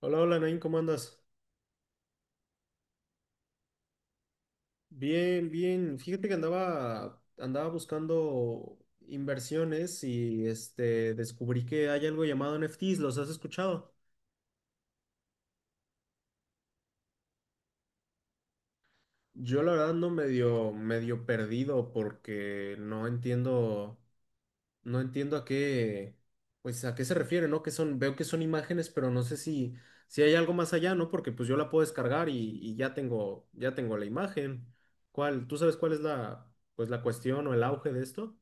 Hola, hola, Nain, ¿cómo andas? Bien, bien. Fíjate que andaba buscando inversiones y este, descubrí que hay algo llamado NFTs, ¿los has escuchado? Yo la verdad ando medio, medio perdido porque no entiendo a qué, pues a qué se refiere, ¿no? Que son, veo que son imágenes, pero no sé si, si hay algo más allá, ¿no? Porque pues yo la puedo descargar y ya tengo la imagen. ¿Cuál? ¿Tú sabes cuál es la, pues la cuestión o el auge de esto?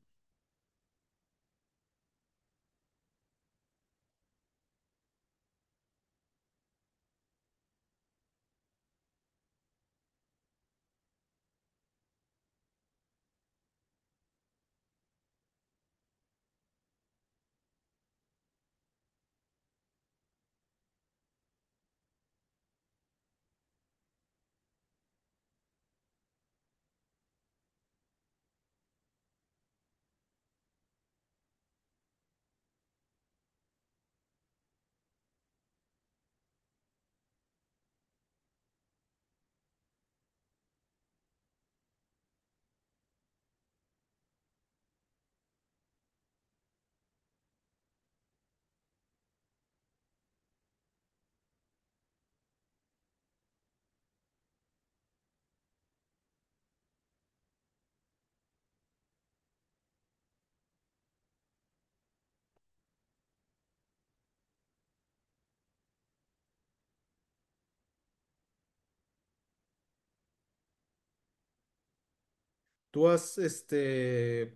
Tú has, este,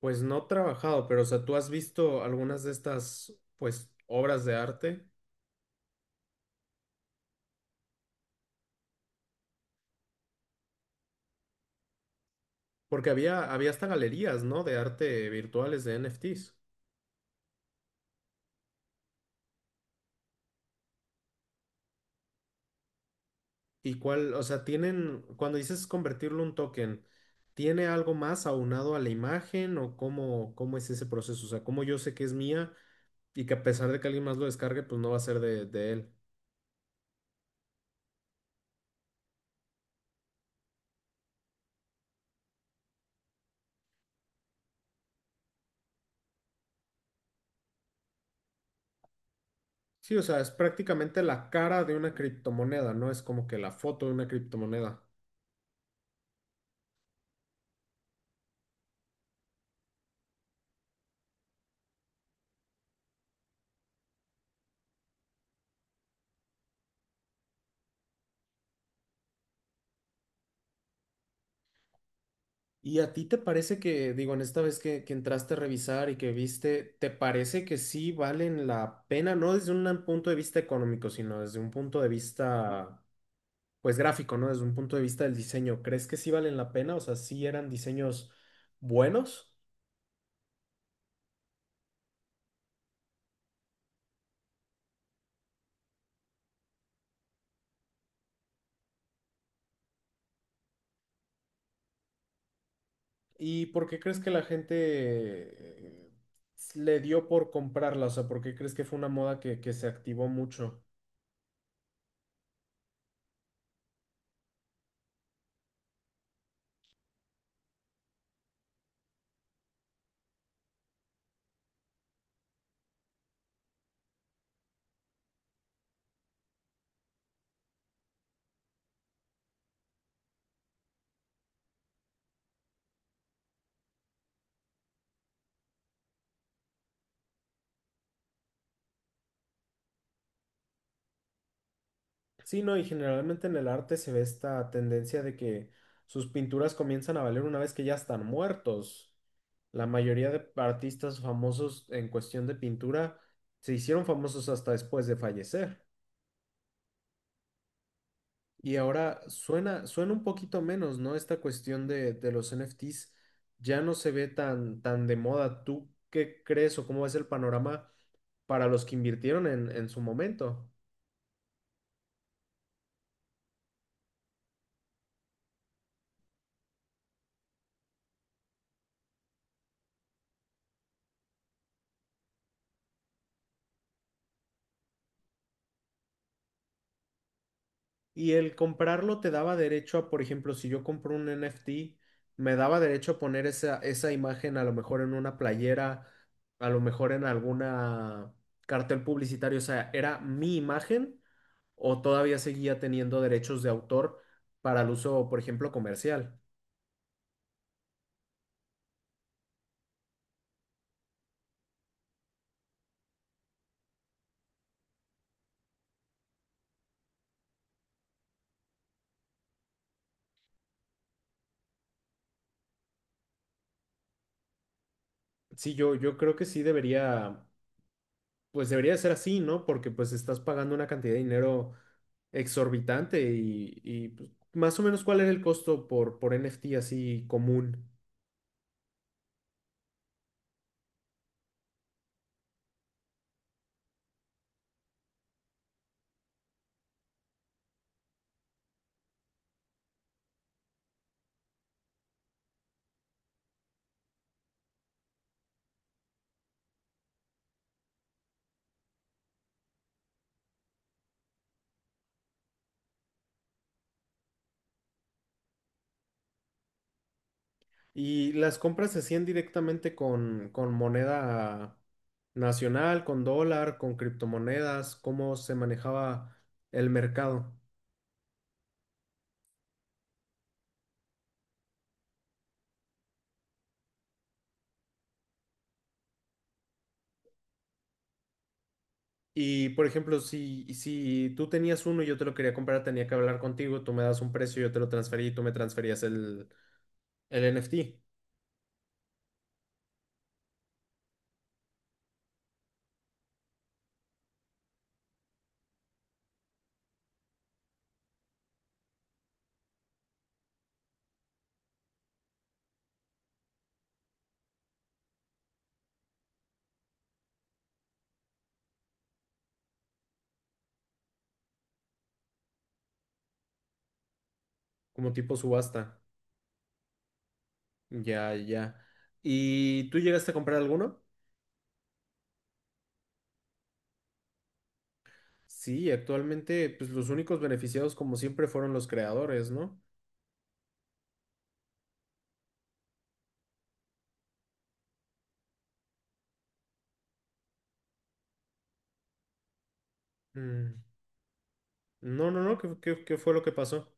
pues no trabajado, pero o sea, tú has visto algunas de estas, pues, obras de arte, porque había hasta galerías, ¿no? De arte virtuales, de NFTs. ¿Y cuál, o sea, tienen, cuando dices convertirlo en un token, ¿tiene algo más aunado a la imagen o cómo, cómo es ese proceso? O sea, ¿cómo yo sé que es mía y que a pesar de que alguien más lo descargue, pues no va a ser de él? Sí, o sea, es prácticamente la cara de una criptomoneda, ¿no? Es como que la foto de una criptomoneda. ¿Y a ti te parece que, digo, en esta vez que entraste a revisar y que viste, ¿te parece que sí valen la pena? No desde un punto de vista económico, sino desde un punto de vista, pues gráfico, ¿no? Desde un punto de vista del diseño. ¿Crees que sí valen la pena? O sea, ¿sí eran diseños buenos? ¿Y por qué crees que la gente le dio por comprarla? O sea, ¿por qué crees que fue una moda que se activó mucho? Sí, no, y generalmente en el arte se ve esta tendencia de que sus pinturas comienzan a valer una vez que ya están muertos. La mayoría de artistas famosos en cuestión de pintura se hicieron famosos hasta después de fallecer. Y ahora suena un poquito menos, ¿no? Esta cuestión de los NFTs ya no se ve tan, tan de moda. ¿Tú qué crees o cómo es el panorama para los que invirtieron en su momento? Y el comprarlo te daba derecho a, por ejemplo, si yo compro un NFT, me daba derecho a poner esa, esa imagen a lo mejor en una playera, a lo mejor en alguna cartel publicitario. O sea, ¿era mi imagen o todavía seguía teniendo derechos de autor para el uso, por ejemplo, comercial? Sí, yo creo que sí debería. Pues debería ser así, ¿no? Porque pues estás pagando una cantidad de dinero exorbitante pues, más o menos cuál era el costo por NFT así común. Y las compras se hacían directamente con moneda nacional, con dólar, con criptomonedas, cómo se manejaba el mercado. Y por ejemplo, si, si tú tenías uno y yo te lo quería comprar, tenía que hablar contigo, tú me das un precio, yo te lo transferí y tú me transferías el NFT como tipo subasta. Ya, ya. ¿Y tú llegaste a comprar alguno? Sí, actualmente, pues los únicos beneficiados, como siempre, fueron los creadores, ¿no? Mm, no, no, no, ¿qué, qué fue lo que pasó?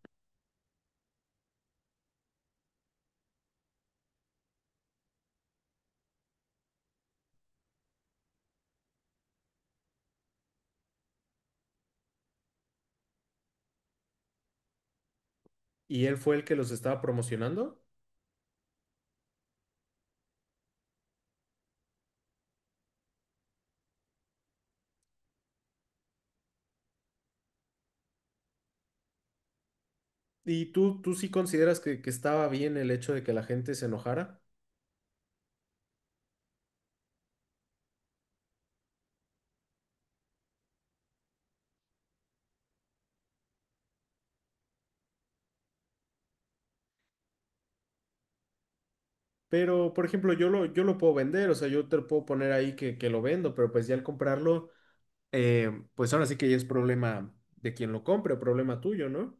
¿Y él fue el que los estaba promocionando? ¿Y tú sí consideras que estaba bien el hecho de que la gente se enojara? Pero, por ejemplo, yo lo puedo vender, o sea, yo te lo puedo poner ahí que lo vendo, pero pues ya al comprarlo, pues ahora sí que ya es problema de quien lo compre, problema tuyo, ¿no?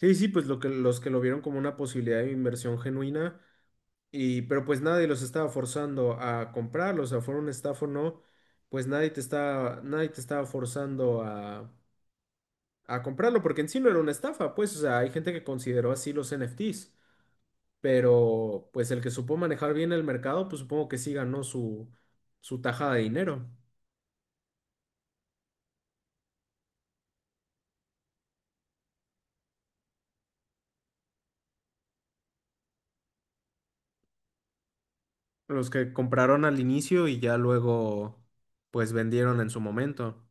Sí, sí, pues lo que, los que lo vieron como una posibilidad de inversión genuina, y, pero pues nadie los estaba forzando a comprarlo, o sea, fuera un estafa o no, pues nadie te estaba, nadie te estaba forzando a comprarlo, porque en sí no era una estafa, pues, o sea, hay gente que consideró así los NFTs, pero pues el que supo manejar bien el mercado, pues supongo que sí ganó su, su tajada de dinero. Los que compraron al inicio y ya luego, pues vendieron en su momento.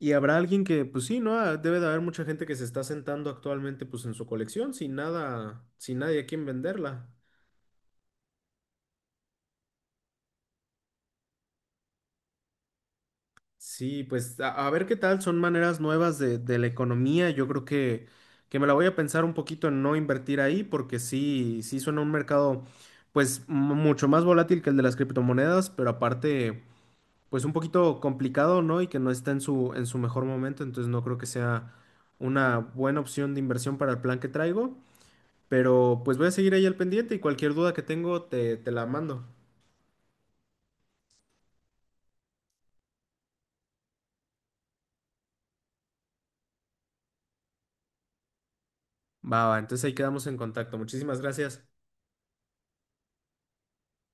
Y habrá alguien que, pues sí, ¿no? Ah, debe de haber mucha gente que se está sentando actualmente, pues en su colección, sin nada, sin nadie a quien venderla. Sí, pues a ver qué tal, son maneras nuevas de la economía. Yo creo que me la voy a pensar un poquito en no invertir ahí, porque sí, sí suena un mercado, pues mucho más volátil que el de las criptomonedas, pero aparte, pues un poquito complicado, ¿no? Y que no está en su mejor momento, entonces no creo que sea una buena opción de inversión para el plan que traigo. Pero pues voy a seguir ahí al pendiente y cualquier duda que tengo te, te la mando. Va, va, entonces ahí quedamos en contacto. Muchísimas gracias.